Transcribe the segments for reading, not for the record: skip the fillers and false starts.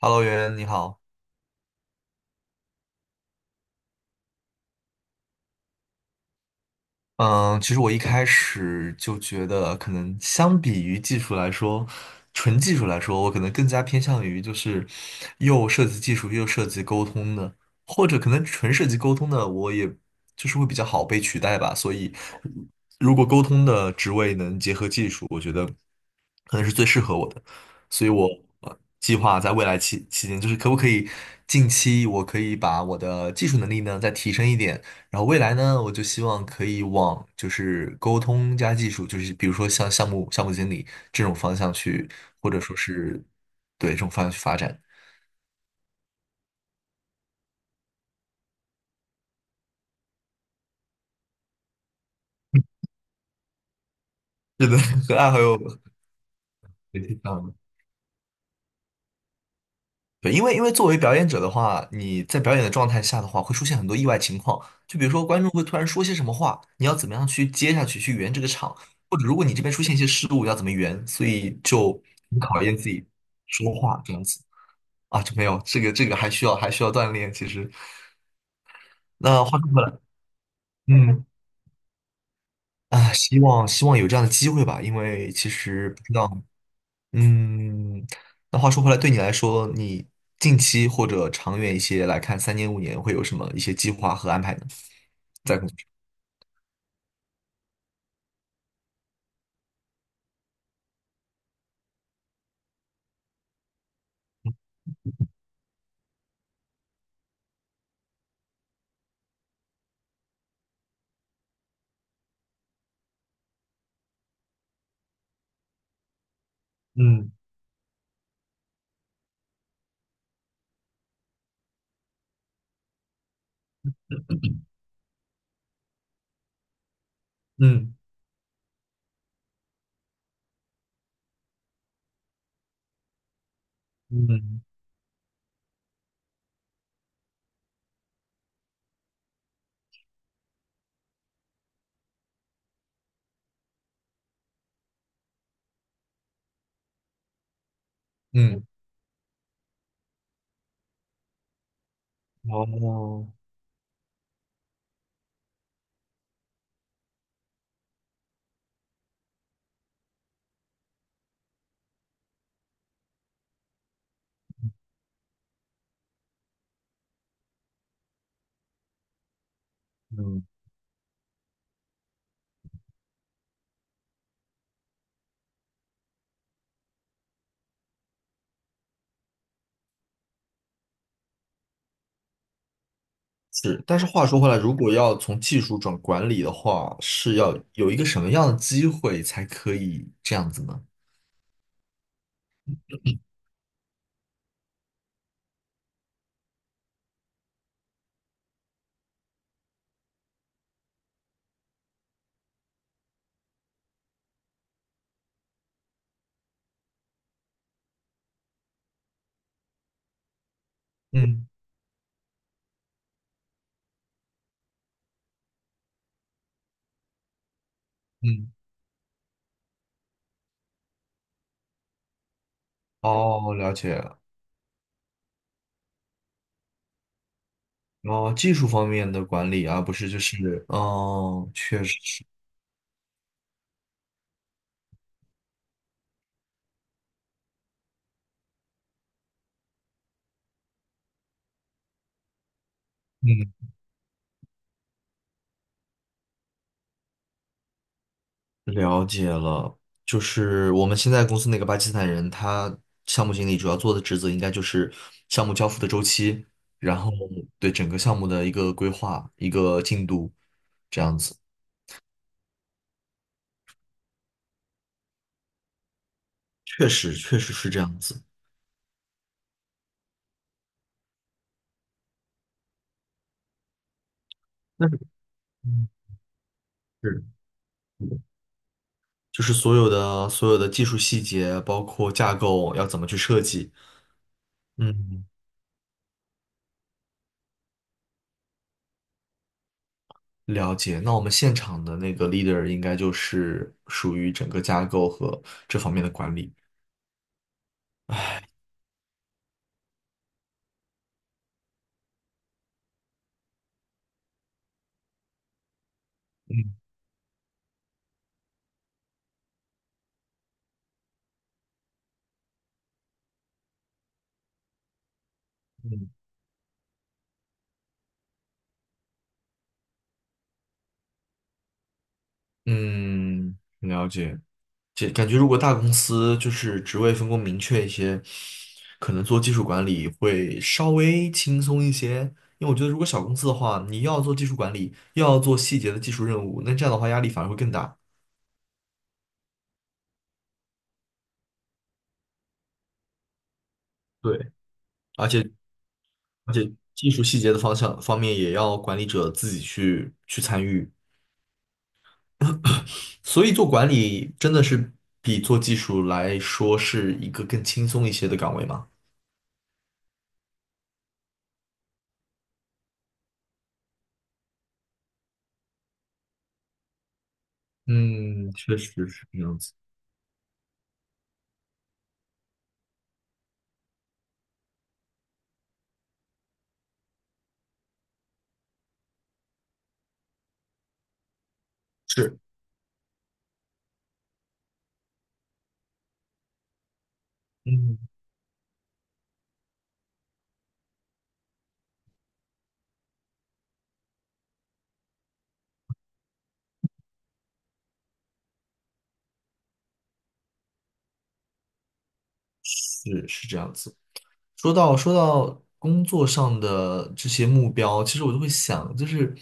Hello，袁，你好。嗯，其实我一开始就觉得，可能相比于技术来说，纯技术来说，我可能更加偏向于就是又涉及技术又涉及沟通的，或者可能纯涉及沟通的，我也就是会比较好被取代吧。所以，如果沟通的职位能结合技术，我觉得可能是最适合我的。所以我计划在未来期间，就是可不可以近期我可以把我的技术能力呢再提升一点。然后未来呢，我就希望可以往就是沟通加技术，就是比如说像项目经理这种方向去，或者说是对这种方向去发展。是的，和爱好有挺像的。对，因为作为表演者的话，你在表演的状态下的话，会出现很多意外情况，就比如说观众会突然说些什么话，你要怎么样去接下去去圆这个场，或者如果你这边出现一些失误，要怎么圆，所以就很考验自己说话这样子啊，就没有这个还需要锻炼，其实。那话说回来，嗯啊，希望有这样的机会吧，因为其实不知道，嗯，那话说回来，对你来说，你近期或者长远一些来看，三年五年会有什么一些计划和安排呢？在工作上，嗯嗯嗯嗯，哦，嗯，是，但是话说回来，如果要从技术转管理的话，是要有一个什么样的机会才可以这样子呢？嗯嗯，哦，了解。哦，技术方面的管理啊，不是就是，哦，确实是，嗯，了解了。就是我们现在公司那个巴基斯坦人，他项目经理主要做的职责应该就是项目交付的周期，然后对整个项目的一个规划、一个进度，这样子。确实，确实是这样子。那是嗯是是就是所有的技术细节，包括架构要怎么去设计，嗯。了解，那我们现场的那个 leader 应该就是属于整个架构和这方面的管理。嗯嗯嗯，了解。这感觉如果大公司就是职位分工明确一些，可能做技术管理会稍微轻松一些。因为我觉得如果小公司的话，你又要做技术管理，又要做细节的技术任务，那这样的话压力反而会更大。对，而且而且技术细节的方向方面也要管理者自己去参与。所以做管理真的是比做技术来说是一个更轻松一些的岗位吗？嗯，确实是这样子。是，嗯，是是这样子。说到工作上的这些目标，其实我就会想，就是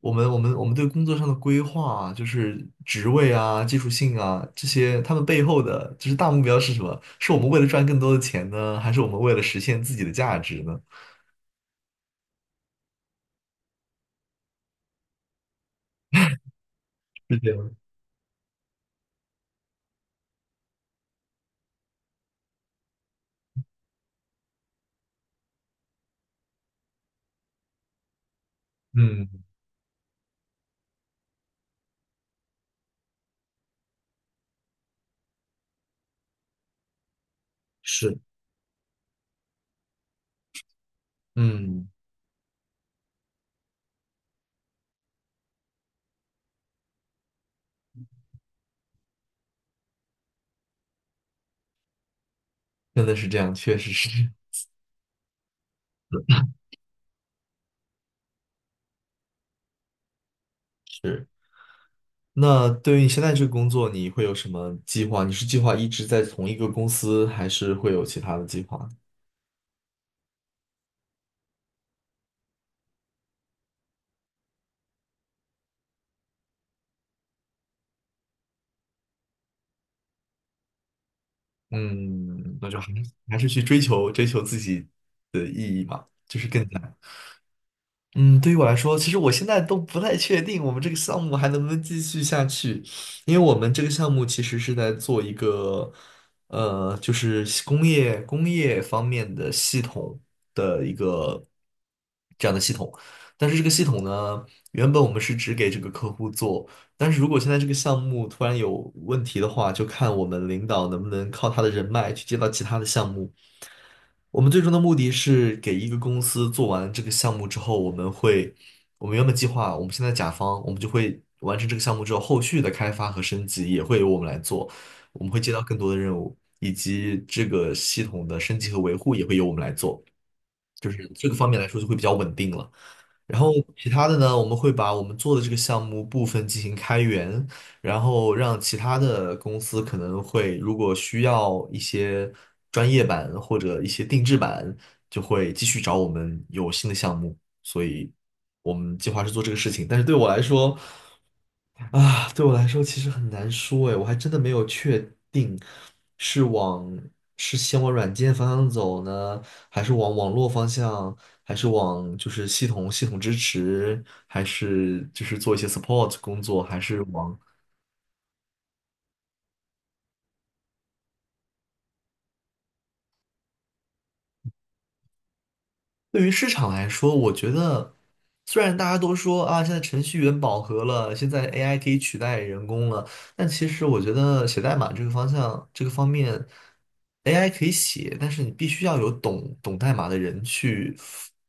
我们对工作上的规划啊，就是职位啊、技术性啊这些，他们背后的就是大目标是什么？是我们为了赚更多的钱呢，还是我们为了实现自己的价值呢？是这样。嗯是。嗯。真的是这样，确实是。是。那对于你现在这个工作，你会有什么计划？你是计划一直在同一个公司，还是会有其他的计划？嗯，那就还是去追求自己，就是更难。嗯，对于我来说，其实我现在都不太确定我们这个项目还能不能继续下去，因为我们这个项目其实是在做一个，就是工业方面的系统。这样的系统。但是这个系统呢，原本我们是只给这个客户做，但是如果现在这个项目突然有问题的话，就看我们领导能不能靠他的人脉去接到其他的项目。我们最终的目的是给一个公司做完这个项目之后，我们会，我们原本计划，我们现在甲方，我们就会完成这个项目之后，后续的开发和升级也会由我们来做，我们会接到更多的任务，以及这个系统的升级和维护也会由我们来做。就是这个方面来说就会比较稳定了。然后其他的呢，我们会把我们做的这个项目部分进行开源，然后让其他的公司可能会如果需要一些专业版或者一些定制版，就会继续找我们有新的项目。所以我们计划是做这个事情，但是对我来说。啊，对我来说其实很难说哎，我还真的没有确定是往是先往软件方向走呢，还是往网络方向，还是往就是系统支持，还是就是做一些 support 工作，还是往对于市场来说，我觉得虽然大家都说啊，现在程序员饱和了，现在 AI 可以取代人工了，但其实我觉得写代码这个方向，这个方面，AI 可以写，但是你必须要有懂代码的人去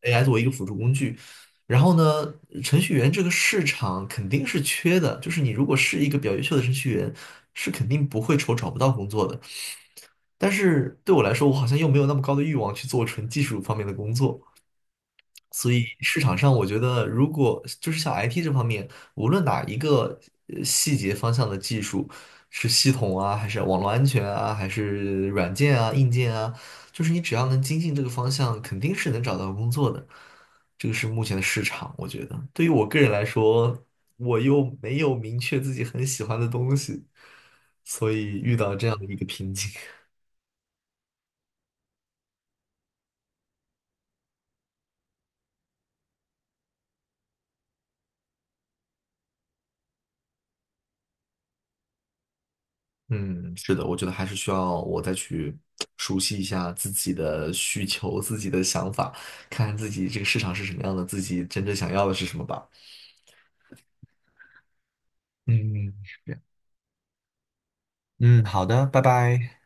AI 作为一个辅助工具。然后呢，程序员这个市场肯定是缺的，就是你如果是一个比较优秀的程序员，是肯定不会愁找不到工作的。但是对我来说，我好像又没有那么高的欲望去做纯技术方面的工作。所以市场上，我觉得如果就是像 IT 这方面，无论哪一个细节方向的技术，是系统啊，还是网络安全啊，还是软件啊、硬件啊，就是你只要能精进这个方向，肯定是能找到工作的。这个是目前的市场，我觉得。对于我个人来说，我又没有明确自己很喜欢的东西，所以遇到这样的一个瓶颈。嗯，是的，我觉得还是需要我再去熟悉一下自己的需求、自己的想法，看看自己这个市场是什么样的，自己真正想要的是什么吧。嗯，是这样。嗯，好的，拜拜。